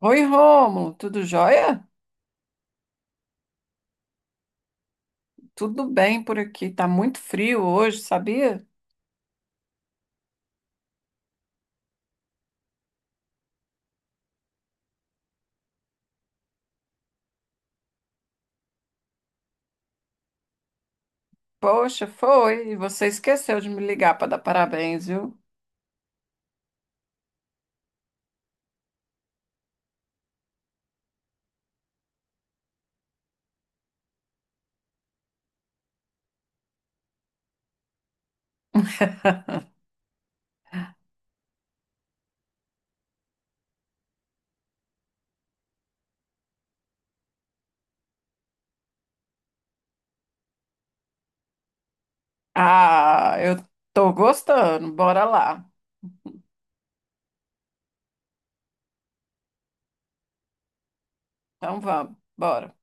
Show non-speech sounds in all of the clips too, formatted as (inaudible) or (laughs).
Oi, Rômulo, tudo jóia? Tudo bem por aqui, tá muito frio hoje, sabia? Poxa, foi, e você esqueceu de me ligar para dar parabéns, viu? Ah, eu tô gostando, bora lá. Então vamos, bora.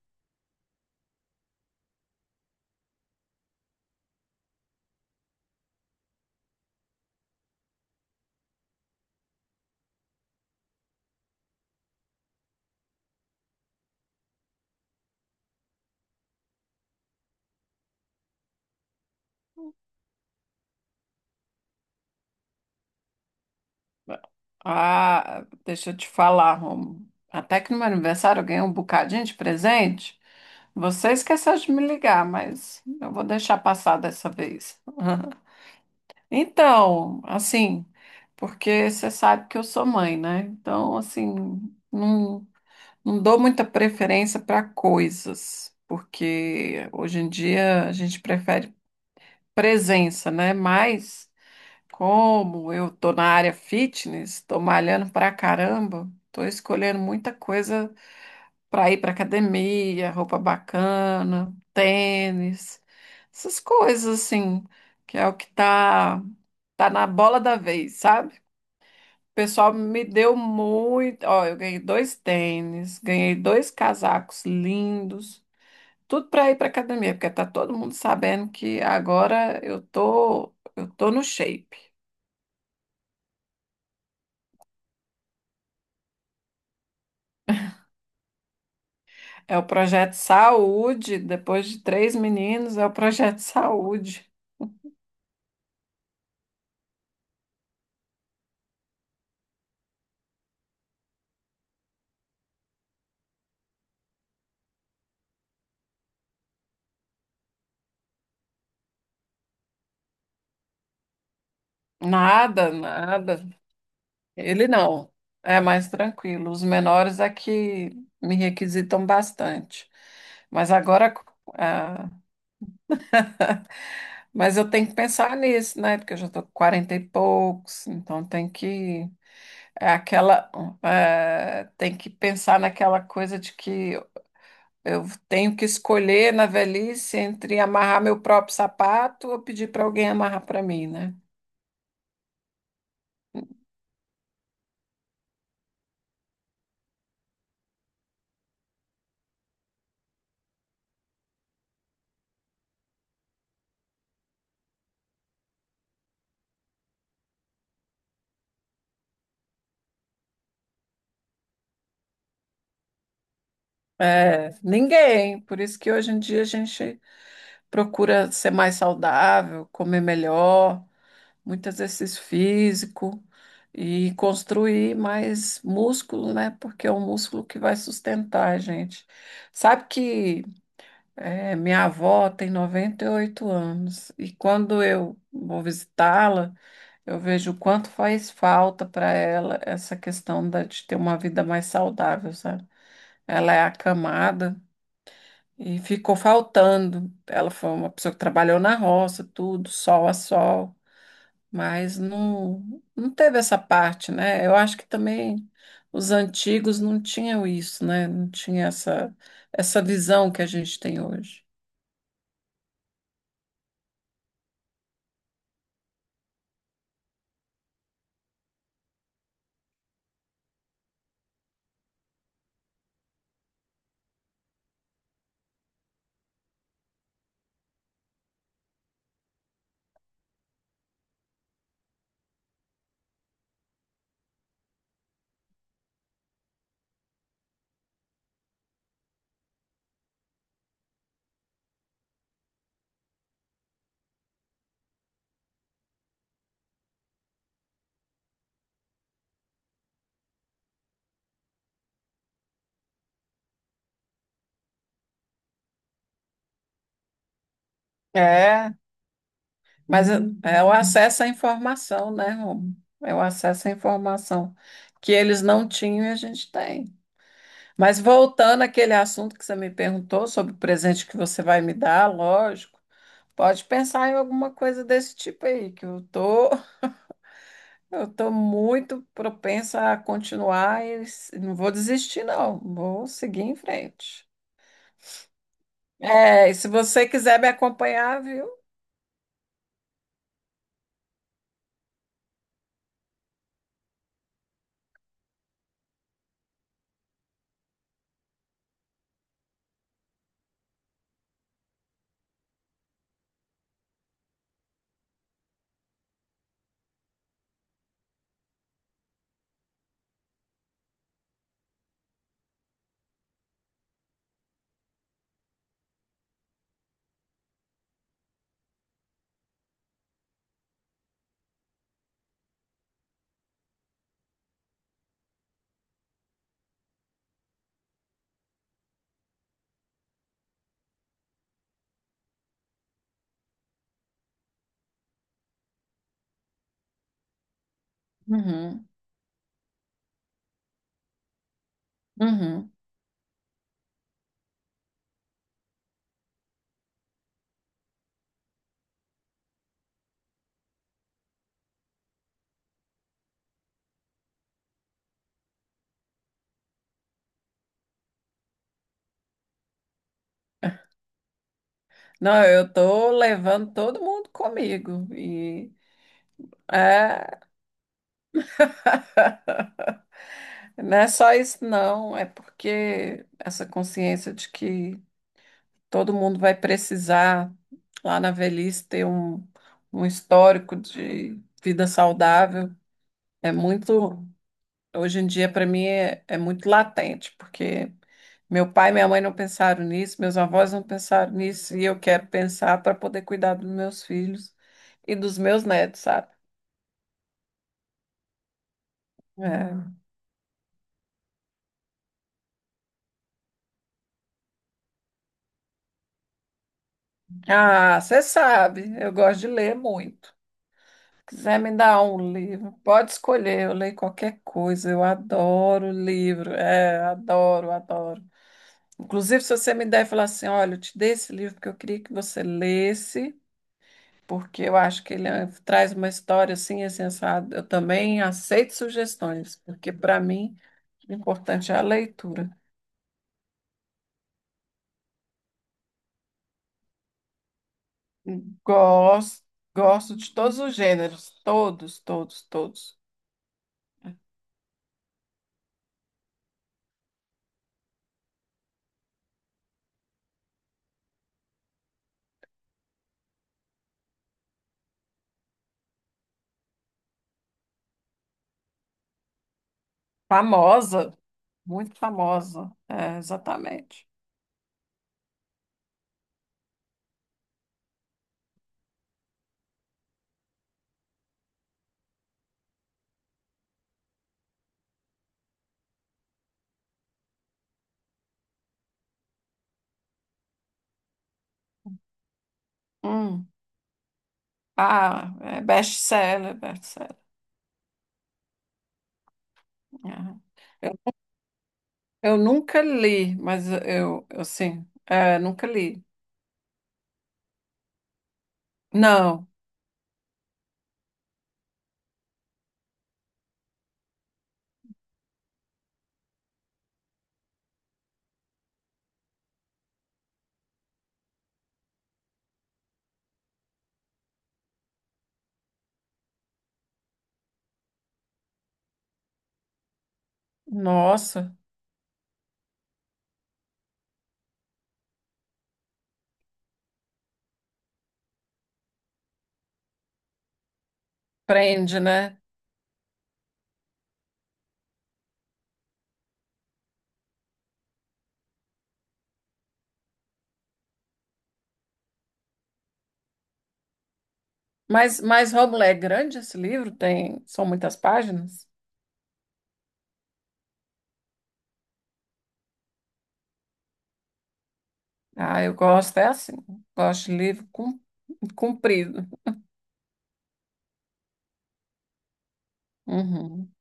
Ah, deixa eu te falar, Rômulo. Até que no meu aniversário eu ganhei um bocadinho de presente. Você esqueceu de me ligar, mas eu vou deixar passar dessa vez. (laughs) Então, assim, porque você sabe que eu sou mãe, né? Então, assim, não, não dou muita preferência para coisas, porque hoje em dia a gente prefere presença, né? Mas, como eu tô na área fitness, tô malhando pra caramba, tô escolhendo muita coisa para ir para academia, roupa bacana, tênis, essas coisas assim, que é o que tá na bola da vez, sabe? O pessoal me deu muito, ó, eu ganhei dois tênis, ganhei dois casacos lindos, tudo para ir para academia, porque tá todo mundo sabendo que agora eu tô no shape. É o projeto Saúde, depois de três meninos, é o projeto Saúde. Nada, nada. Ele não. É mais tranquilo. Os menores é que me requisitam bastante. Mas agora, ah, mas eu tenho que pensar nisso, né? Porque eu já estou com 40 e poucos, então tem que é aquela eh, tem que pensar naquela coisa de que eu tenho que escolher na velhice entre amarrar meu próprio sapato ou pedir para alguém amarrar para mim, né? É, ninguém. Por isso que hoje em dia a gente procura ser mais saudável, comer melhor, muito exercício físico e construir mais músculo, né? Porque é o músculo que vai sustentar a gente. Sabe que minha avó tem 98 anos e quando eu vou visitá-la, eu vejo o quanto faz falta para ela essa questão de ter uma vida mais saudável, sabe? Ela é acamada. E ficou faltando. Ela foi uma pessoa que trabalhou na roça, tudo, sol a sol, mas não teve essa parte, né? Eu acho que também os antigos não tinham isso, né? Não tinha essa visão que a gente tem hoje. É, mas é o acesso à informação, né, Romo? É o acesso à informação que eles não tinham e a gente tem. Mas voltando àquele assunto que você me perguntou sobre o presente que você vai me dar, lógico. Pode pensar em alguma coisa desse tipo aí, que eu tô muito propensa a continuar e não vou desistir, não. Vou seguir em frente. É, e se você quiser me acompanhar, viu? Uhum, uhum. Não, eu tô levando todo mundo comigo é, (laughs) não é só isso, não. É porque essa consciência de que todo mundo vai precisar, lá na velhice, ter um histórico de vida saudável. É muito, hoje em dia, para mim, é muito latente, porque meu pai e minha mãe não pensaram nisso, meus avós não pensaram nisso, e eu quero pensar para poder cuidar dos meus filhos e dos meus netos, sabe? É. Ah, você sabe, eu gosto de ler muito. Quiser me dar um livro, pode escolher, eu leio qualquer coisa, eu adoro livro, é, adoro, adoro. Inclusive, se você me der e falar assim, olha, eu te dei esse livro porque eu queria que você lesse, porque eu acho que ele traz uma história assim, assim, assado, eu também aceito sugestões, porque para mim o importante é a leitura. Gosto, gosto de todos os gêneros, todos, todos, todos. Famosa, muito famosa, é, exatamente. Hum. Ah, é best-seller, best-seller. Aham. Eu, eu nunca li, mas eu sim, é, nunca li. Não, nossa, prende, né? Mas Rômulo, é grande esse livro? São muitas páginas? Ah, eu gosto, é assim, gosto de livro comprido. Uhum.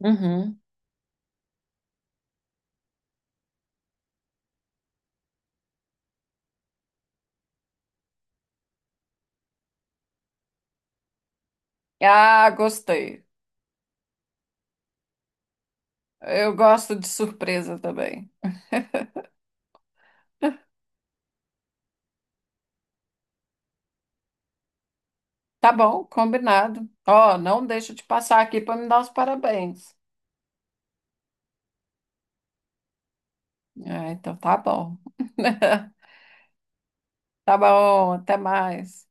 Uhum. Ah, gostei. Eu gosto de surpresa também. Tá bom, combinado. Ó, não deixa de passar aqui para me dar os parabéns. Ah, então tá bom. (laughs) Tá bom, até mais.